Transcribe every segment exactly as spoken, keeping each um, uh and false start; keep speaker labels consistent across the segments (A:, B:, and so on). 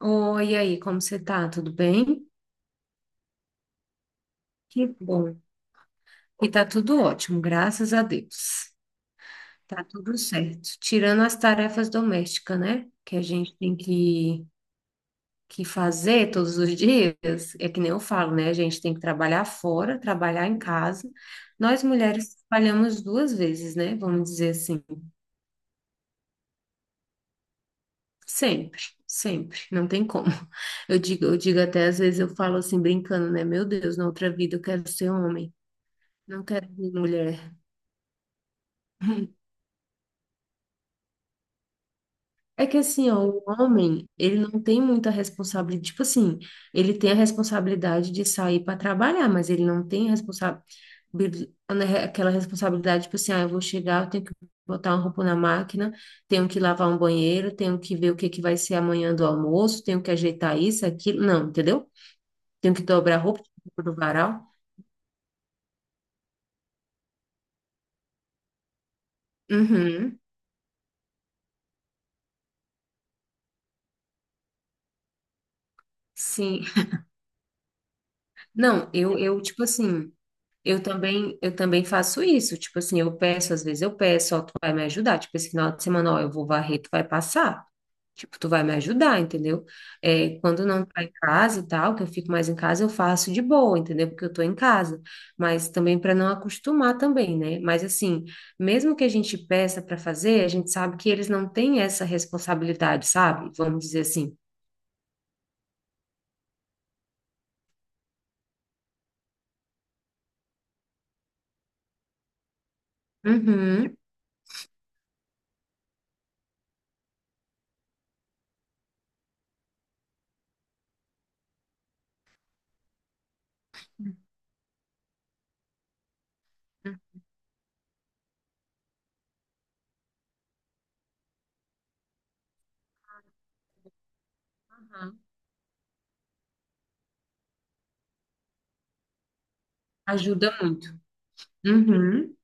A: Oi, e aí, como você tá? Tudo bem? Que bom. E tá tudo ótimo, graças a Deus. Tá tudo certo. Tirando as tarefas domésticas, né? Que a gente tem que, que fazer todos os dias. É que nem eu falo, né? A gente tem que trabalhar fora, trabalhar em casa. Nós mulheres trabalhamos duas vezes, né? Vamos dizer assim. Sempre, sempre. Não tem como. Eu digo, eu digo até às vezes, eu falo assim, brincando, né? Meu Deus, na outra vida eu quero ser homem. Não quero ser mulher. É que assim, ó, o homem, ele não tem muita responsabilidade. Tipo assim, ele tem a responsabilidade de sair para trabalhar, mas ele não tem responsa- bil- né, aquela responsabilidade, tipo assim, ah, eu vou chegar, eu tenho que botar uma roupa na máquina, tenho que lavar um banheiro, tenho que ver o que que vai ser amanhã do almoço, tenho que ajeitar isso, aquilo. Não, entendeu? Tenho que dobrar a roupa, tirar a roupa do varal. Uhum, sim. Não, eu, eu, tipo assim. Eu também, eu também faço isso. Tipo assim, eu peço, às vezes eu peço, ó, tu vai me ajudar. Tipo, esse final de semana, ó, eu vou varrer, tu vai passar. Tipo, tu vai me ajudar, entendeu? É, quando não tá em casa e tal, que eu fico mais em casa, eu faço de boa, entendeu? Porque eu tô em casa. Mas também para não acostumar também, né? Mas assim, mesmo que a gente peça para fazer, a gente sabe que eles não têm essa responsabilidade, sabe? Vamos dizer assim. Uhum. Uhum. Ajuda muito. Uhum.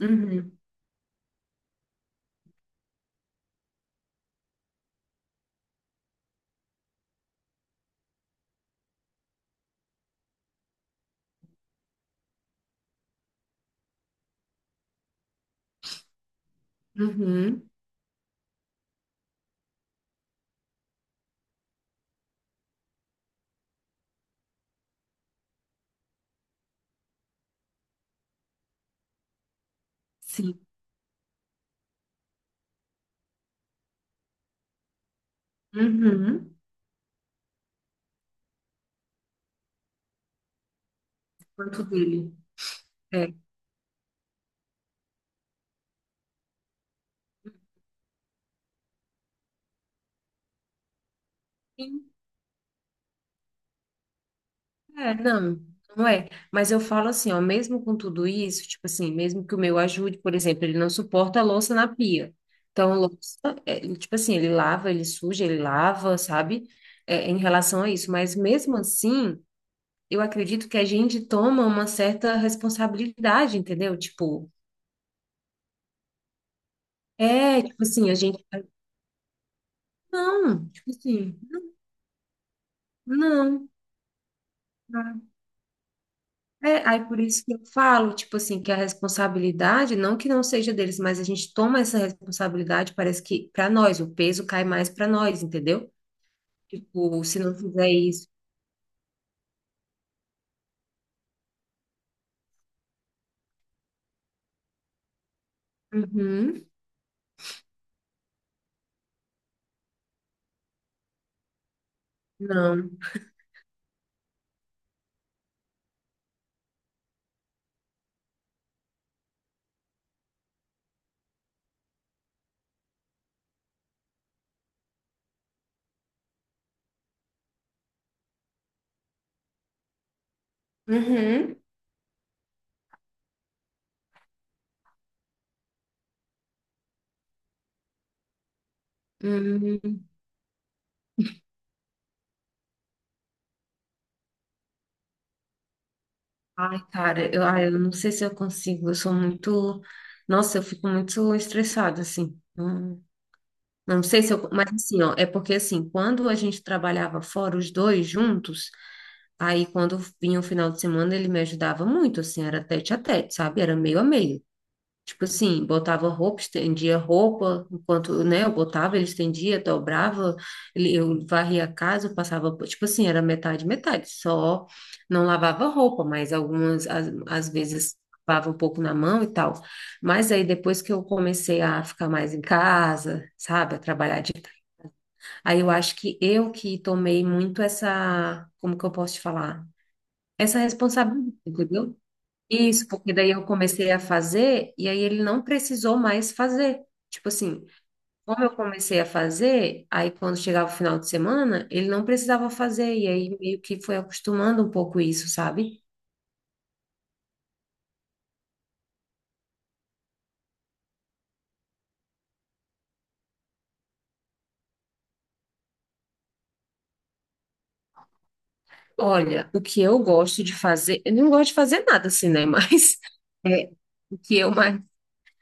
A: Uhum. Uhum. Sim. Uhum. Quanto dele. É. Sim. É, não, não é. Mas eu falo assim, ó, mesmo com tudo isso, tipo assim, mesmo que o meu ajude, por exemplo, ele não suporta a louça na pia. Então, louça, é, ele, tipo assim, ele lava, ele suja, ele lava, sabe? É, em relação a isso. Mas mesmo assim, eu acredito que a gente toma uma certa responsabilidade, entendeu? Tipo, é, tipo assim, a gente. Não, tipo assim, não. É, aí por isso que eu falo, tipo assim, que a responsabilidade, não que não seja deles, mas a gente toma essa responsabilidade, parece que para nós, o peso cai mais para nós, entendeu? Tipo, se não fizer isso. Uhum, não. Uhum, uhum. Ai, cara, eu, ai, eu não sei se eu consigo, eu sou muito. Nossa, eu fico muito estressada, assim. Não, não sei se eu. Mas assim, ó, é porque assim, quando a gente trabalhava fora os dois juntos, aí, quando vinha o final de semana, ele me ajudava muito, assim, era tete a tete, sabe? Era meio a meio. Tipo assim, botava roupa, estendia roupa, enquanto, né, eu botava, ele estendia, dobrava, ele, eu varria a casa, eu passava, tipo assim, era metade, metade, só não lavava roupa, mas algumas, às, às vezes, lavava um pouco na mão e tal. Mas aí, depois que eu comecei a ficar mais em casa, sabe, a trabalhar de... Aí eu acho que eu que tomei muito essa, como que eu posso te falar? Essa responsabilidade, entendeu? Isso, porque daí eu comecei a fazer e aí ele não precisou mais fazer. Tipo assim, como eu comecei a fazer, aí quando chegava o final de semana, ele não precisava fazer e aí meio que foi acostumando um pouco isso, sabe? Olha, o que eu gosto de fazer, eu não gosto de fazer nada assim, né? Mas é, o que eu mais...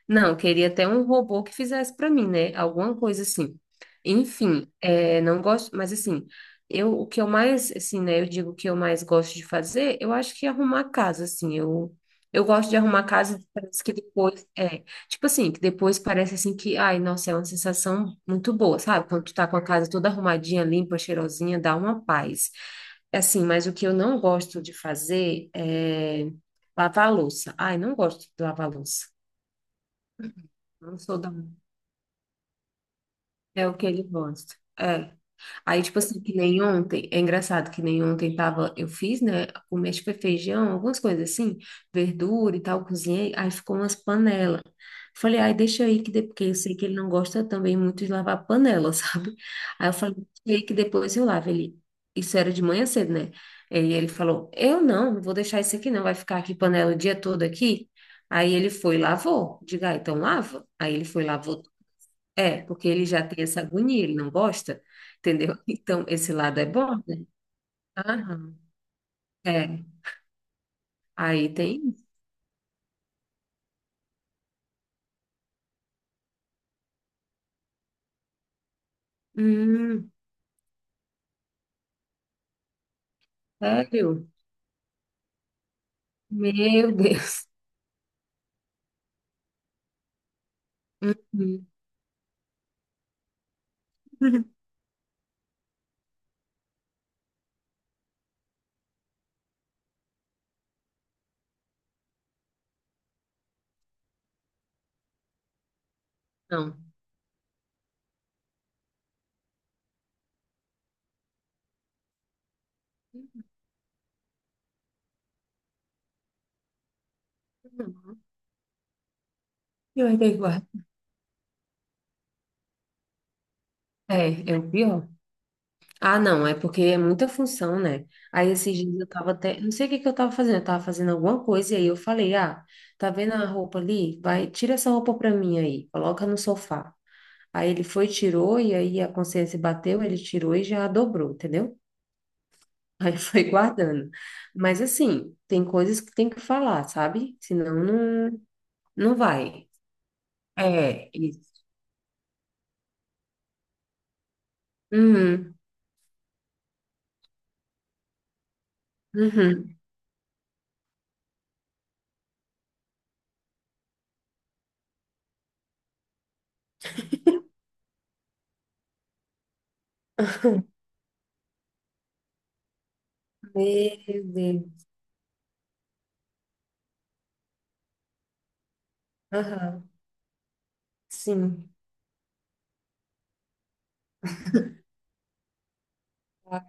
A: Não, eu queria até um robô que fizesse para mim, né? Alguma coisa assim. Enfim, é, não gosto, mas assim, eu o que eu mais, assim, né? Eu digo que eu mais gosto de fazer, eu acho que é arrumar casa, assim. Eu, eu gosto de arrumar casa, e parece que depois, é, tipo assim, que depois parece assim que, ai, nossa, é uma sensação muito boa, sabe? Quando tu tá com a casa toda arrumadinha, limpa, cheirosinha, dá uma paz. Assim, mas o que eu não gosto de fazer é lavar a louça. Ai, não gosto de lavar a louça. Não sou da. É o que ele gosta. É. Aí, tipo assim, que nem ontem, é engraçado que nem ontem tava, eu fiz, né? O mexe foi feijão, algumas coisas assim, verdura e tal, cozinhei, aí ficou umas panelas. Falei, ai, deixa aí que depois, porque eu sei que ele não gosta também muito de lavar panela, sabe? Aí eu falei, deixa aí que depois eu lavo. Ele, isso era de manhã cedo, né? E ele falou, eu não, não vou deixar isso aqui não, vai ficar aqui panela o dia todo aqui. Aí ele foi e lavou. Diga, ah, então lava. Aí ele foi, lavou é, porque ele já tem essa agonia, ele não gosta, entendeu? Então, esse lado é bom, né? Aham. É, aí tem. Hum, sério? Meu Deus. Uhum. Não. Eu ainda guardo. É, é o pior. Ah, não, é porque é muita função, né? Aí esses dias eu tava até. Não sei o que que eu tava fazendo, eu tava fazendo alguma coisa e aí eu falei: ah, tá vendo a roupa ali? Vai, tira essa roupa pra mim aí, coloca no sofá. Aí ele foi, tirou, e aí a consciência bateu, ele tirou e já dobrou, entendeu? Aí foi guardando. Mas assim, tem coisas que tem que falar, sabe? Senão não, não vai. É, isso. Uhum, uhum. Meu Deus. Aham, sim. Ah,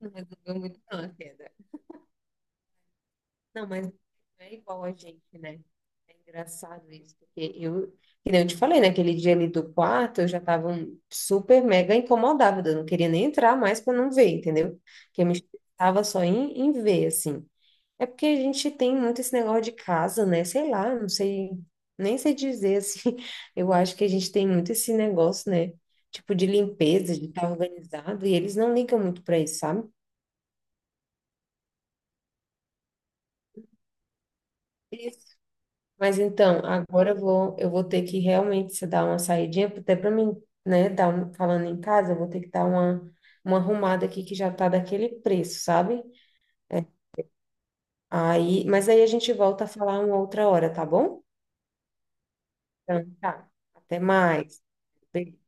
A: não resolveu muito não, a queda. Não, mas não é igual a gente, né? É engraçado isso, porque eu, que nem eu te falei, naquele dia ali do quarto, eu já tava um- super mega incomodada, eu não queria nem entrar mais para não ver, entendeu? Porque eu me estava só em, em ver, assim. É porque a gente tem muito esse negócio de casa, né? Sei lá, não sei, nem sei dizer, assim. Eu acho que a gente tem muito esse negócio, né? Tipo de limpeza, de estar organizado, e eles não ligam muito para isso, sabe? Mas então, agora eu vou, eu vou ter que realmente se dar uma saidinha, até para mim, né, dar um- falando em casa, eu vou ter que dar uma, uma arrumada aqui que já tá daquele preço, sabe? É, aí, mas aí a gente volta a falar uma outra hora, tá bom? Então, tá. Até mais. Beijo.